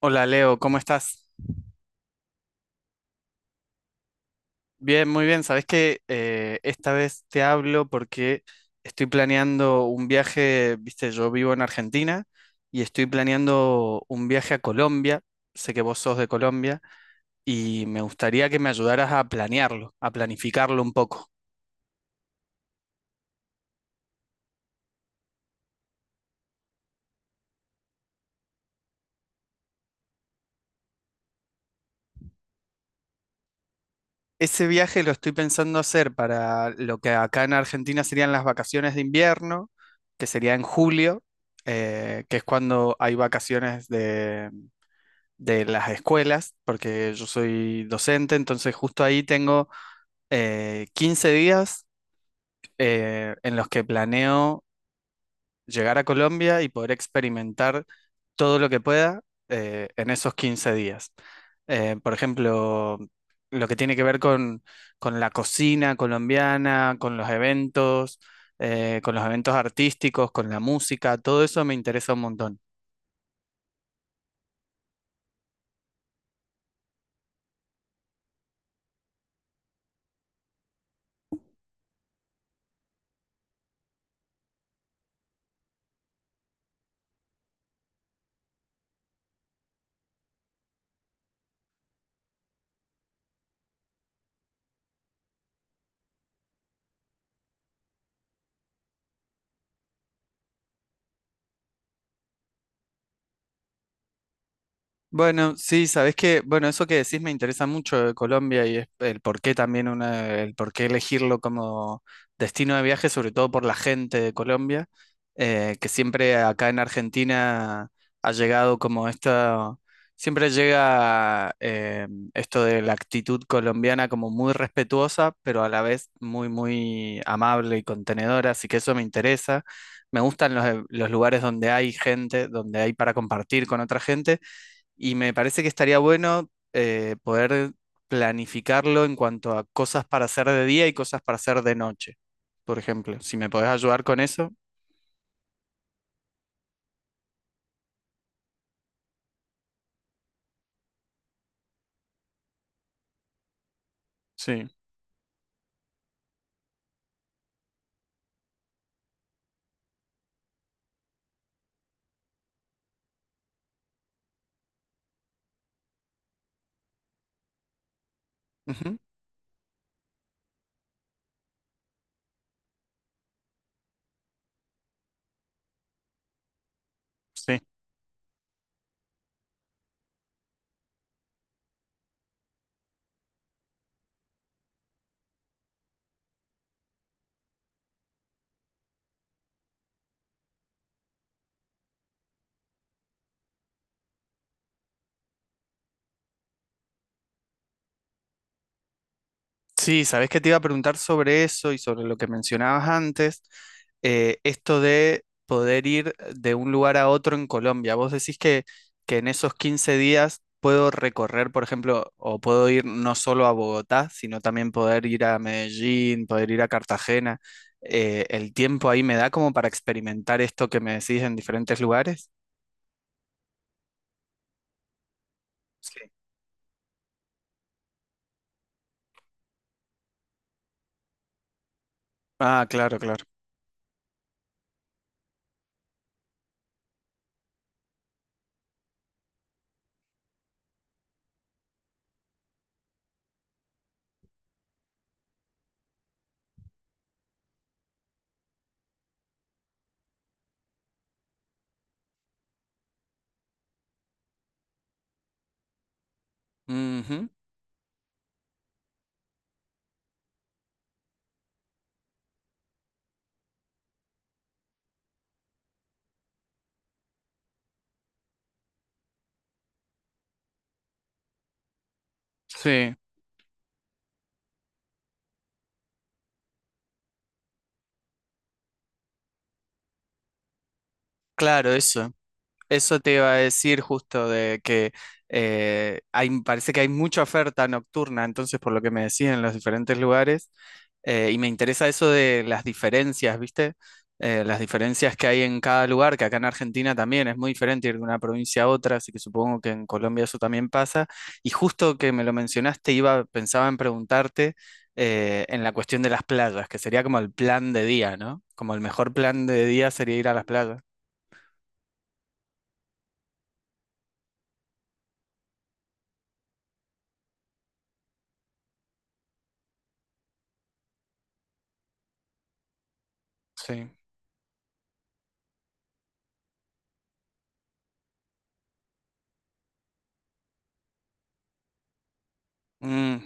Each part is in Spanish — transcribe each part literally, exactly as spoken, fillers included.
Hola Leo, ¿cómo estás? Bien, muy bien. Sabes que eh, esta vez te hablo porque estoy planeando un viaje, viste, yo vivo en Argentina y estoy planeando un viaje a Colombia. Sé que vos sos de Colombia y me gustaría que me ayudaras a planearlo, a planificarlo un poco. Ese viaje lo estoy pensando hacer para lo que acá en Argentina serían las vacaciones de invierno, que sería en julio, eh, que es cuando hay vacaciones de las escuelas, porque yo soy docente, entonces justo ahí tengo eh, quince días eh, en los que planeo llegar a Colombia y poder experimentar todo lo que pueda eh, en esos quince días. Eh, por ejemplo, lo que tiene que ver con, con la cocina colombiana, con los eventos, eh, con los eventos artísticos, con la música, todo eso me interesa un montón. Bueno, sí, sabes que, bueno, eso que decís me interesa mucho de Colombia y es el por qué también una, el por qué elegirlo como destino de viaje, sobre todo por la gente de Colombia, eh, que siempre acá en Argentina ha llegado como esta, siempre llega eh, esto de la actitud colombiana como muy respetuosa, pero a la vez muy, muy amable y contenedora, así que eso me interesa. Me gustan los, los lugares donde hay gente, donde hay para compartir con otra gente y me parece que estaría bueno eh, poder planificarlo en cuanto a cosas para hacer de día y cosas para hacer de noche, por ejemplo. Si me podés ayudar con eso, sí. Ujú. Sí. Sí, sabes que te iba a preguntar sobre eso y sobre lo que mencionabas antes, eh, esto de poder ir de un lugar a otro en Colombia. Vos decís que, que en esos quince días puedo recorrer, por ejemplo, o puedo ir no solo a Bogotá, sino también poder ir a Medellín, poder ir a Cartagena. Eh, ¿el tiempo ahí me da como para experimentar esto que me decís en diferentes lugares? Sí. Ah, claro, claro. Ujú. Sí, claro, eso. Eso te iba a decir justo de que eh, hay, parece que hay mucha oferta nocturna, entonces por lo que me decían en los diferentes lugares, eh, y me interesa eso de las diferencias, ¿viste? Eh, las diferencias que hay en cada lugar, que acá en Argentina también es muy diferente ir de una provincia a otra, así que supongo que en Colombia eso también pasa. Y justo que me lo mencionaste, iba, pensaba en preguntarte eh, en la cuestión de las playas, que sería como el plan de día, ¿no? Como el mejor plan de día sería ir a las playas. Sí. Mm.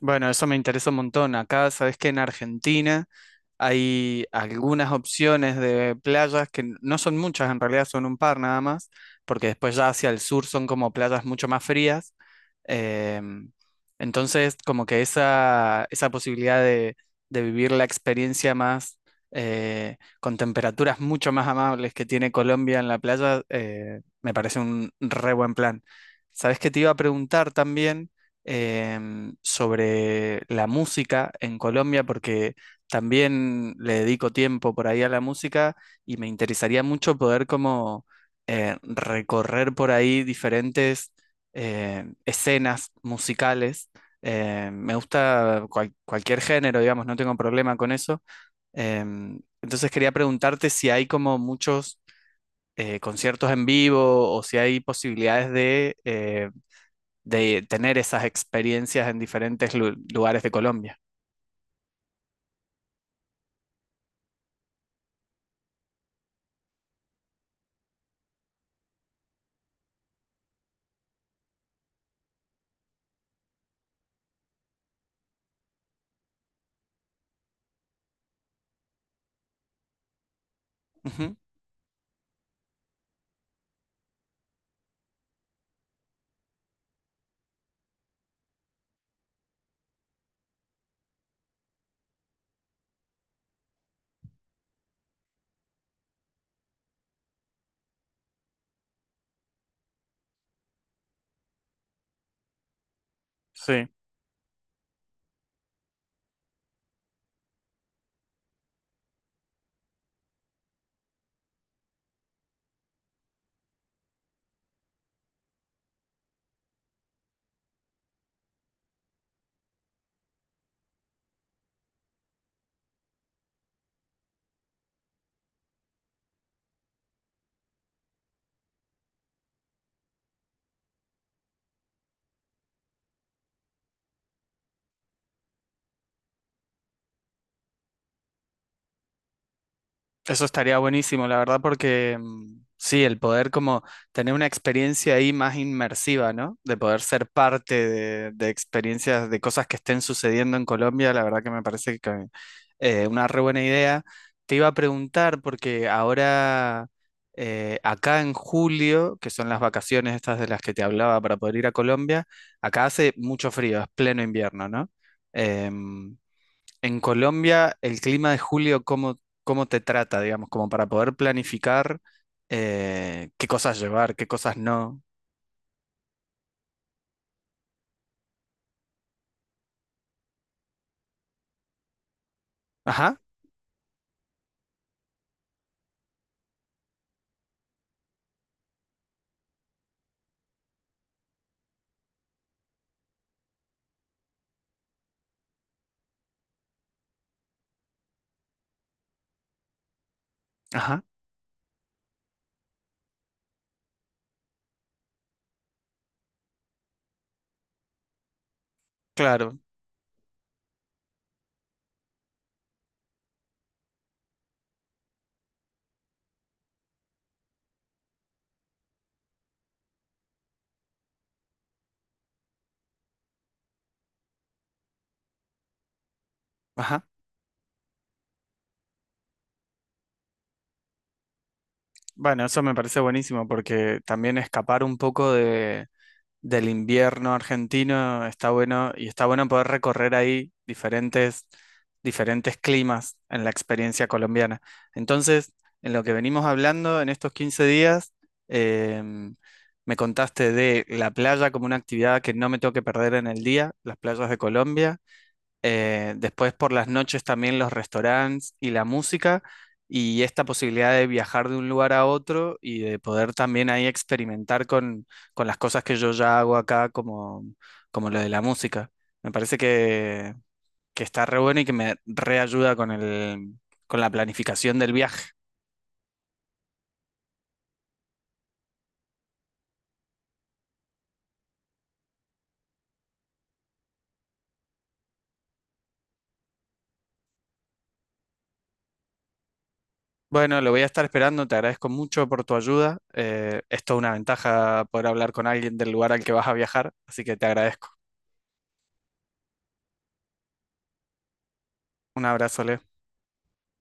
Bueno, eso me interesa un montón. Acá, sabes que en Argentina hay algunas opciones de playas que n- no son muchas, en realidad son un par nada más, porque después ya hacia el sur son como playas mucho más frías. Eh, entonces, como que esa, esa posibilidad de, de vivir la experiencia más eh, con temperaturas mucho más amables que tiene Colombia en la playa, eh, me parece un re buen plan. Sabes que te iba a preguntar también em, sobre la música en Colombia, porque también le dedico tiempo por ahí a la música y me interesaría mucho poder como eh, recorrer por ahí diferentes eh, escenas musicales. Eh, me gusta cual- cualquier género, digamos, no tengo problema con eso. Em, entonces quería preguntarte si hay como muchos eh, conciertos en vivo o si hay posibilidades de, eh, de tener esas experiencias en diferentes lu- lugares de Colombia. Ujú. Sí. Eso estaría buenísimo, la verdad, porque mm, sí, el poder como tener una experiencia ahí más inmersiva, ¿no? De poder ser parte de, de experiencias, de cosas que estén sucediendo en Colombia, la verdad que me parece que eh, una re buena idea. Te iba a preguntar, porque ahora, eh, acá en julio, que son las vacaciones estas de las que te hablaba para poder ir a Colombia, acá hace mucho frío, es pleno invierno, ¿no? Em, en Colombia, el clima de julio, ¿cómo, cómo te trata, digamos, como para poder planificar eh, qué cosas llevar, qué cosas no? Ajá, ajá, claro, ajá. Bueno, eso me parece buenísimo porque también escapar un poco del invierno argentino, está bueno y está bueno poder recorrer ahí diferentes, diferentes climas en la experiencia colombiana. Entonces, en lo que venimos hablando en estos quince días, em, me contaste de la playa como una actividad que no me tengo que perder en el día, las playas de Colombia. Eh, después por las noches también los restaurantes y la música y esta posibilidad de viajar de un lugar a otro y de poder también ahí experimentar con, con las cosas que yo ya hago acá como, como lo de la música. Me parece que, que está re bueno y que me reayuda con el, con la planificación del viaje. Bueno, lo voy a estar esperando, te agradezco mucho por tu ayuda. Eh, es toda una ventaja poder hablar con alguien del lugar al que vas a viajar, así que te agradezco. Un abrazo, Leo.